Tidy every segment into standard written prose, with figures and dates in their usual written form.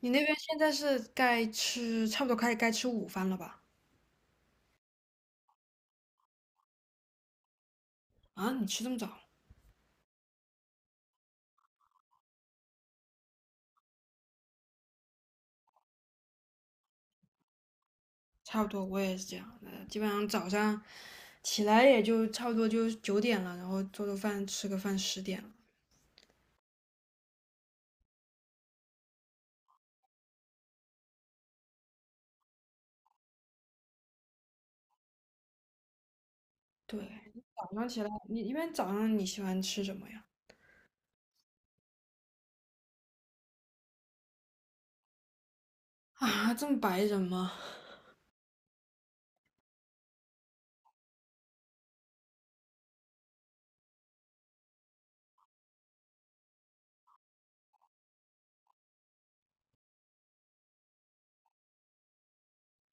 你那边现在是该吃，差不多快该吃午饭了吧？啊，你吃这么早？差不多，我也是这样的，基本上早上起来也就差不多就9点了，然后做做饭，吃个饭，10点了。对，早上起来，你一般早上你喜欢吃什么呀？啊，这么白人吗？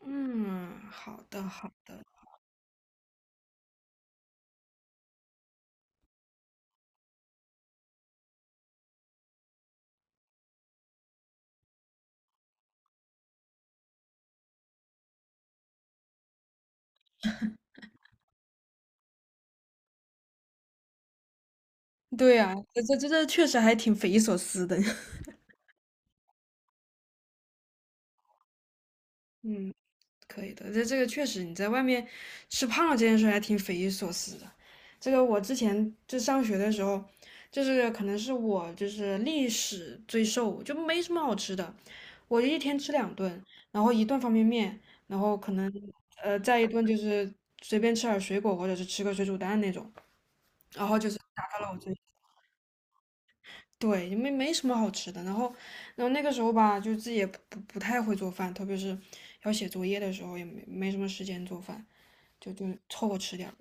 嗯，好的好的。对呀，这确实还挺匪夷所思的。嗯，可以的，这个确实你在外面吃胖了这件事还挺匪夷所思的。这个我之前就上学的时候，就是可能是我就是历史最瘦，就没什么好吃的，我一天吃两顿，然后一顿方便面，然后可能再一顿就是随便吃点水果或者是吃个水煮蛋那种，然后就是达到了我最。对，没什么好吃的。然后那个时候吧，就自己也不太会做饭，特别是要写作业的时候，也没什么时间做饭。就凑合吃点儿。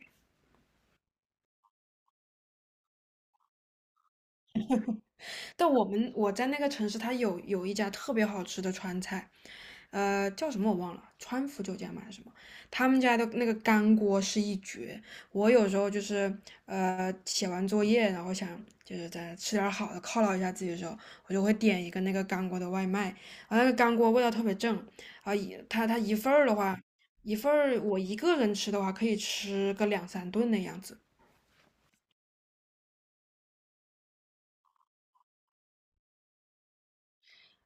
但我们我在那个城市，它有一家特别好吃的川菜，叫什么我忘了，川福酒家嘛还是什么？他们家的那个干锅是一绝。我有时候就是写完作业，然后想就是在吃点儿好的犒劳一下自己的时候，我就会点一个那个干锅的外卖，然后那个干锅味道特别正，啊一它一份儿的话，一份儿我一个人吃的话可以吃个两三顿那样子。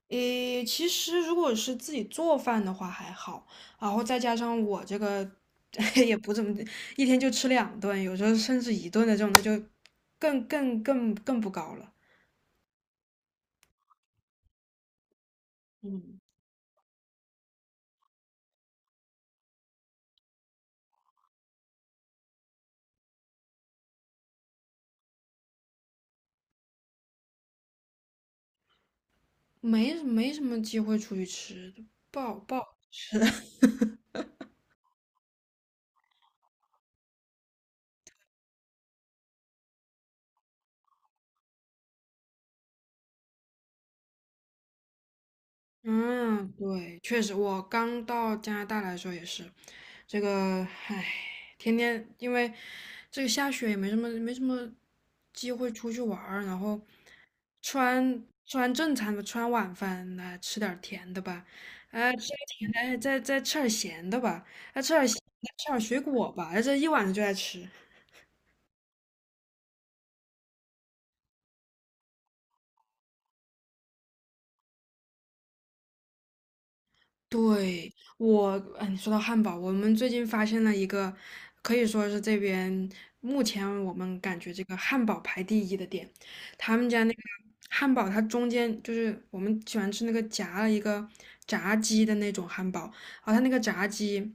诶，其实如果是自己做饭的话还好，然后再加上我这个 也不怎么，一天就吃两顿，有时候甚至一顿的这种，那就更不高了，没什么机会出去吃，不好不好吃。嗯，对，确实，我刚到加拿大来说也是，这个，唉，天天因为这个下雪也没什么机会出去玩儿，然后吃完正餐吧，吃完晚饭来吃点儿甜的吧，哎，吃点甜的，哎再吃点儿咸的吧，再吃点儿咸的，吃点儿水果吧，哎，这一晚上就在吃。对，我，你说到汉堡，我们最近发现了一个，可以说是这边目前我们感觉这个汉堡排第一的店，他们家那个汉堡，它中间就是我们喜欢吃那个夹了一个炸鸡的那种汉堡，啊，后它那个炸鸡，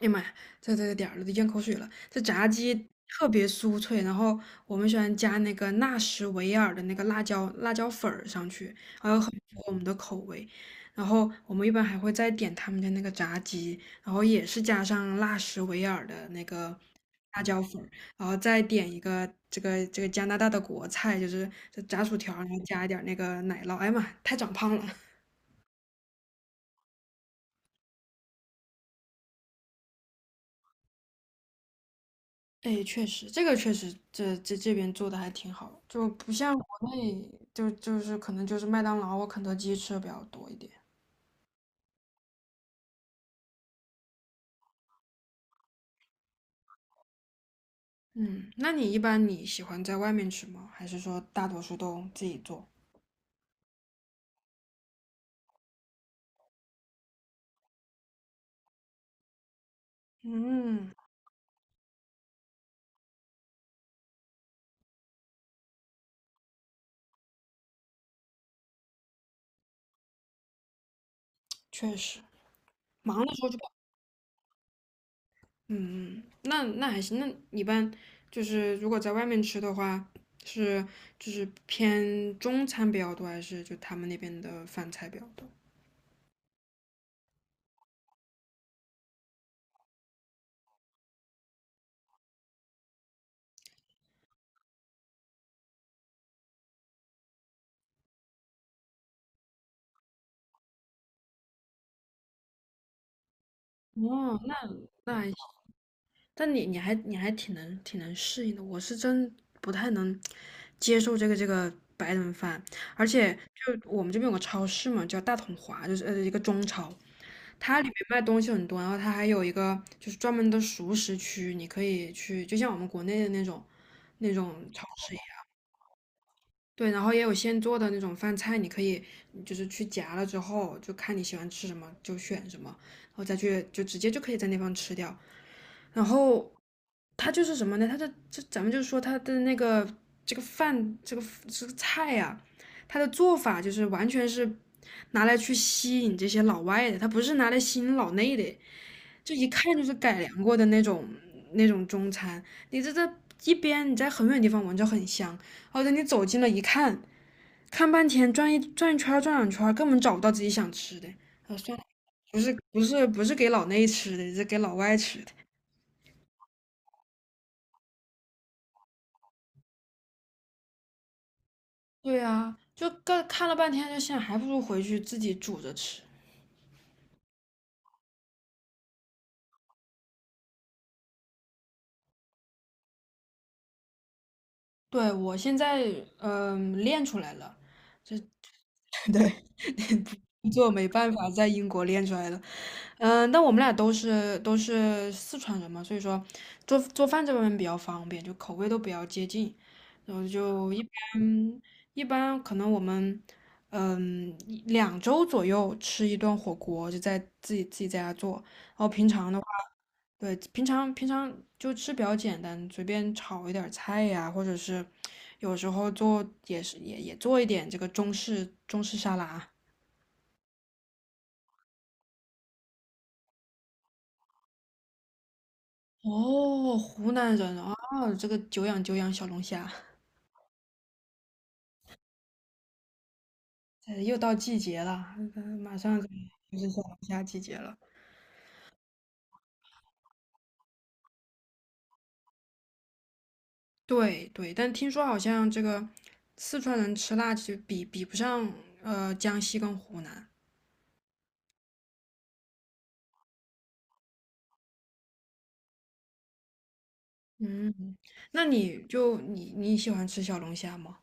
哎呀妈呀，这这点儿了都咽口水了，这炸鸡特别酥脆，然后我们喜欢加那个纳什维尔的那个辣椒粉儿上去，然后很符合我们的口味。然后我们一般还会再点他们家那个炸鸡，然后也是加上辣什维尔的那个辣椒粉儿，然后再点一个这个加拿大的国菜，就是这炸薯条，然后加一点儿那个奶酪。哎呀妈，太长胖了！哎，确实，这个确实，这边做的还挺好，就不像国内，就是可能就是麦当劳或肯德基吃的比较多一点。嗯，那你一般你喜欢在外面吃吗？还是说大多数都自己做？嗯，确实，忙的时候。就。嗯，那那还行。那你一般就是如果在外面吃的话，是就是偏中餐比较多，还是就他们那边的饭菜比较多？哦，那那还行。但你还你还挺能适应的，我是真不太能接受这个白人饭，而且就我们这边有个超市嘛，叫大统华，就是一个中超，它里面卖东西很多，然后它还有一个就是专门的熟食区，你可以去，就像我们国内的那种那种超市一样。对，然后也有现做的那种饭菜，你可以就是去夹了之后，就看你喜欢吃什么就选什么，然后再去就直接就可以在那方吃掉。然后它就是什么呢？它的这咱们就说它的那个这个饭这个这个菜呀、它的做法就是完全是拿来去吸引这些老外的，它不是拿来吸引老内的。就一看就是改良过的那种那种中餐。你这一边你在很远地方闻着很香，而且你走近了一看，看半天转一转一圈儿转两圈儿根本找不到自己想吃的。啊，算了，不是不是不是给老内吃的，是给老外吃的。对啊，就看看了半天，就想还不如回去自己煮着吃。对，我现在练出来了，这 对，不做没办法，在英国练出来了。但我们俩都是四川人嘛，所以说做做饭这方面比较方便，就口味都比较接近，然后就一般可能我们一两周左右吃一顿火锅，就在自己在家做，然后平常的话，对，平常就吃比较简单，随便炒一点儿菜呀，或者是有时候做也是也做一点这个中式沙拉。哦，湖南人啊，这个久仰久仰小龙虾，又到季节了，马上就是小龙虾季节了。对对，但听说好像这个四川人吃辣，其实比不上江西跟湖南。嗯，那你就你你喜欢吃小龙虾吗？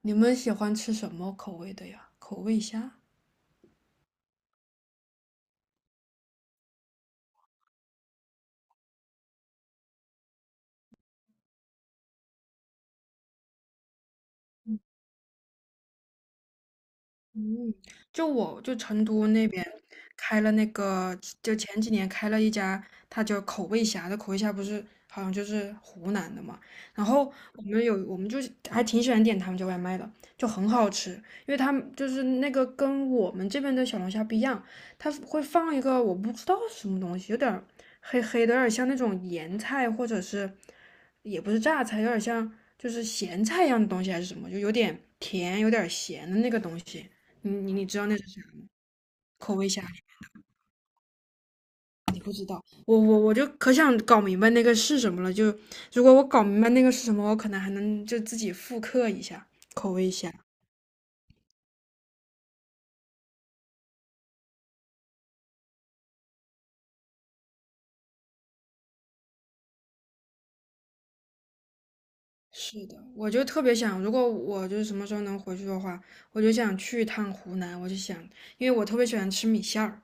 你们喜欢吃什么口味的呀？口味虾？嗯，就我成都那边开了那个，就前几年开了一家，它叫口味虾这口味虾，不是好像就是湖南的嘛。然后我们就是还挺喜欢点他们家外卖的，就很好吃，因为他们就是那个跟我们这边的小龙虾不一样，它会放一个我不知道什么东西，有点儿黑黑的，有点像那种盐菜或者是也不是榨菜，有点像就是咸菜一样的东西还是什么，就有点甜，有点咸的那个东西。你知道那是啥吗？口味虾米我就可想搞明白那个是什么了。就如果我搞明白那个是什么，我可能还能就自己复刻一下口味虾。是的，我就特别想，如果我就是什么时候能回去的话，我就想去一趟湖南。我就想，因为我特别喜欢吃米线儿，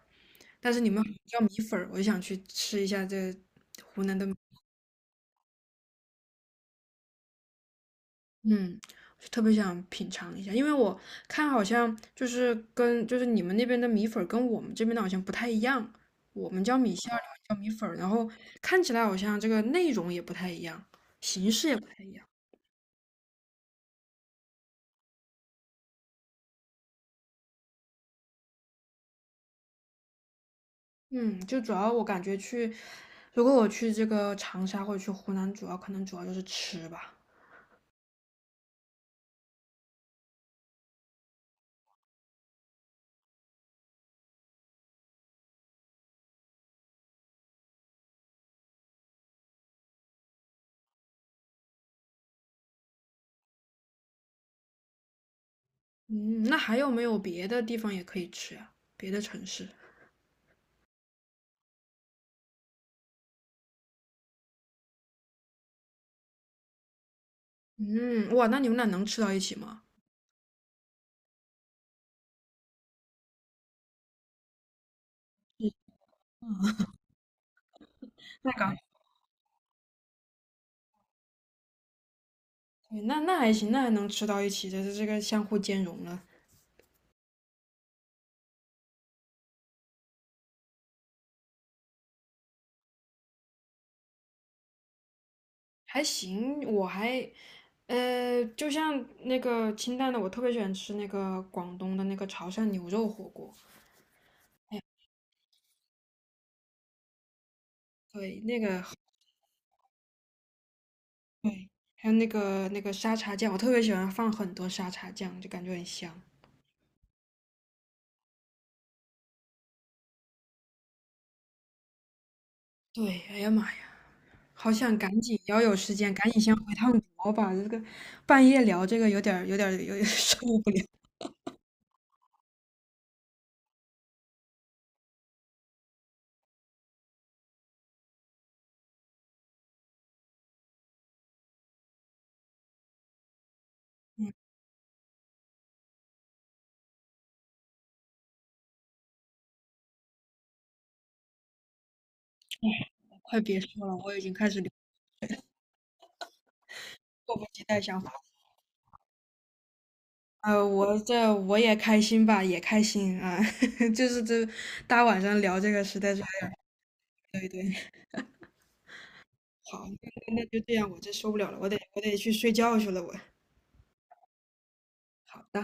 但是你们好像叫米粉儿，我就想去吃一下这湖南的嗯，我就特别想品尝一下，因为我看好像就是跟就是你们那边的米粉儿跟我们这边的好像不太一样，我们叫米线儿，你们叫米粉儿，然后看起来好像这个内容也不太一样，形式也不太一样。嗯，就主要我感觉去，如果我去这个长沙或者去湖南，主要可能主要就是吃吧。嗯，那还有没有别的地方也可以吃啊？别的城市？嗯，哇，那你们俩能吃到一起吗？对那那还行，那还能吃到一起，这是这个相互兼容了，还行。我还，就像那个清淡的，我特别喜欢吃那个广东的那个潮汕牛肉火锅，对，那个对，还有那个那个沙茶酱，我特别喜欢放很多沙茶酱，就感觉很香。对，哎呀妈呀，好想赶紧，要有时间赶紧先回趟国吧，这个半夜聊这个有点儿 受不了。快别说了，我已经开始迫不及待想。我这我也开心吧，也开心啊，就是这大晚上聊这个实在是还，对对，好，那那就这样，我这受不了了，我得去睡觉去了，我。好的。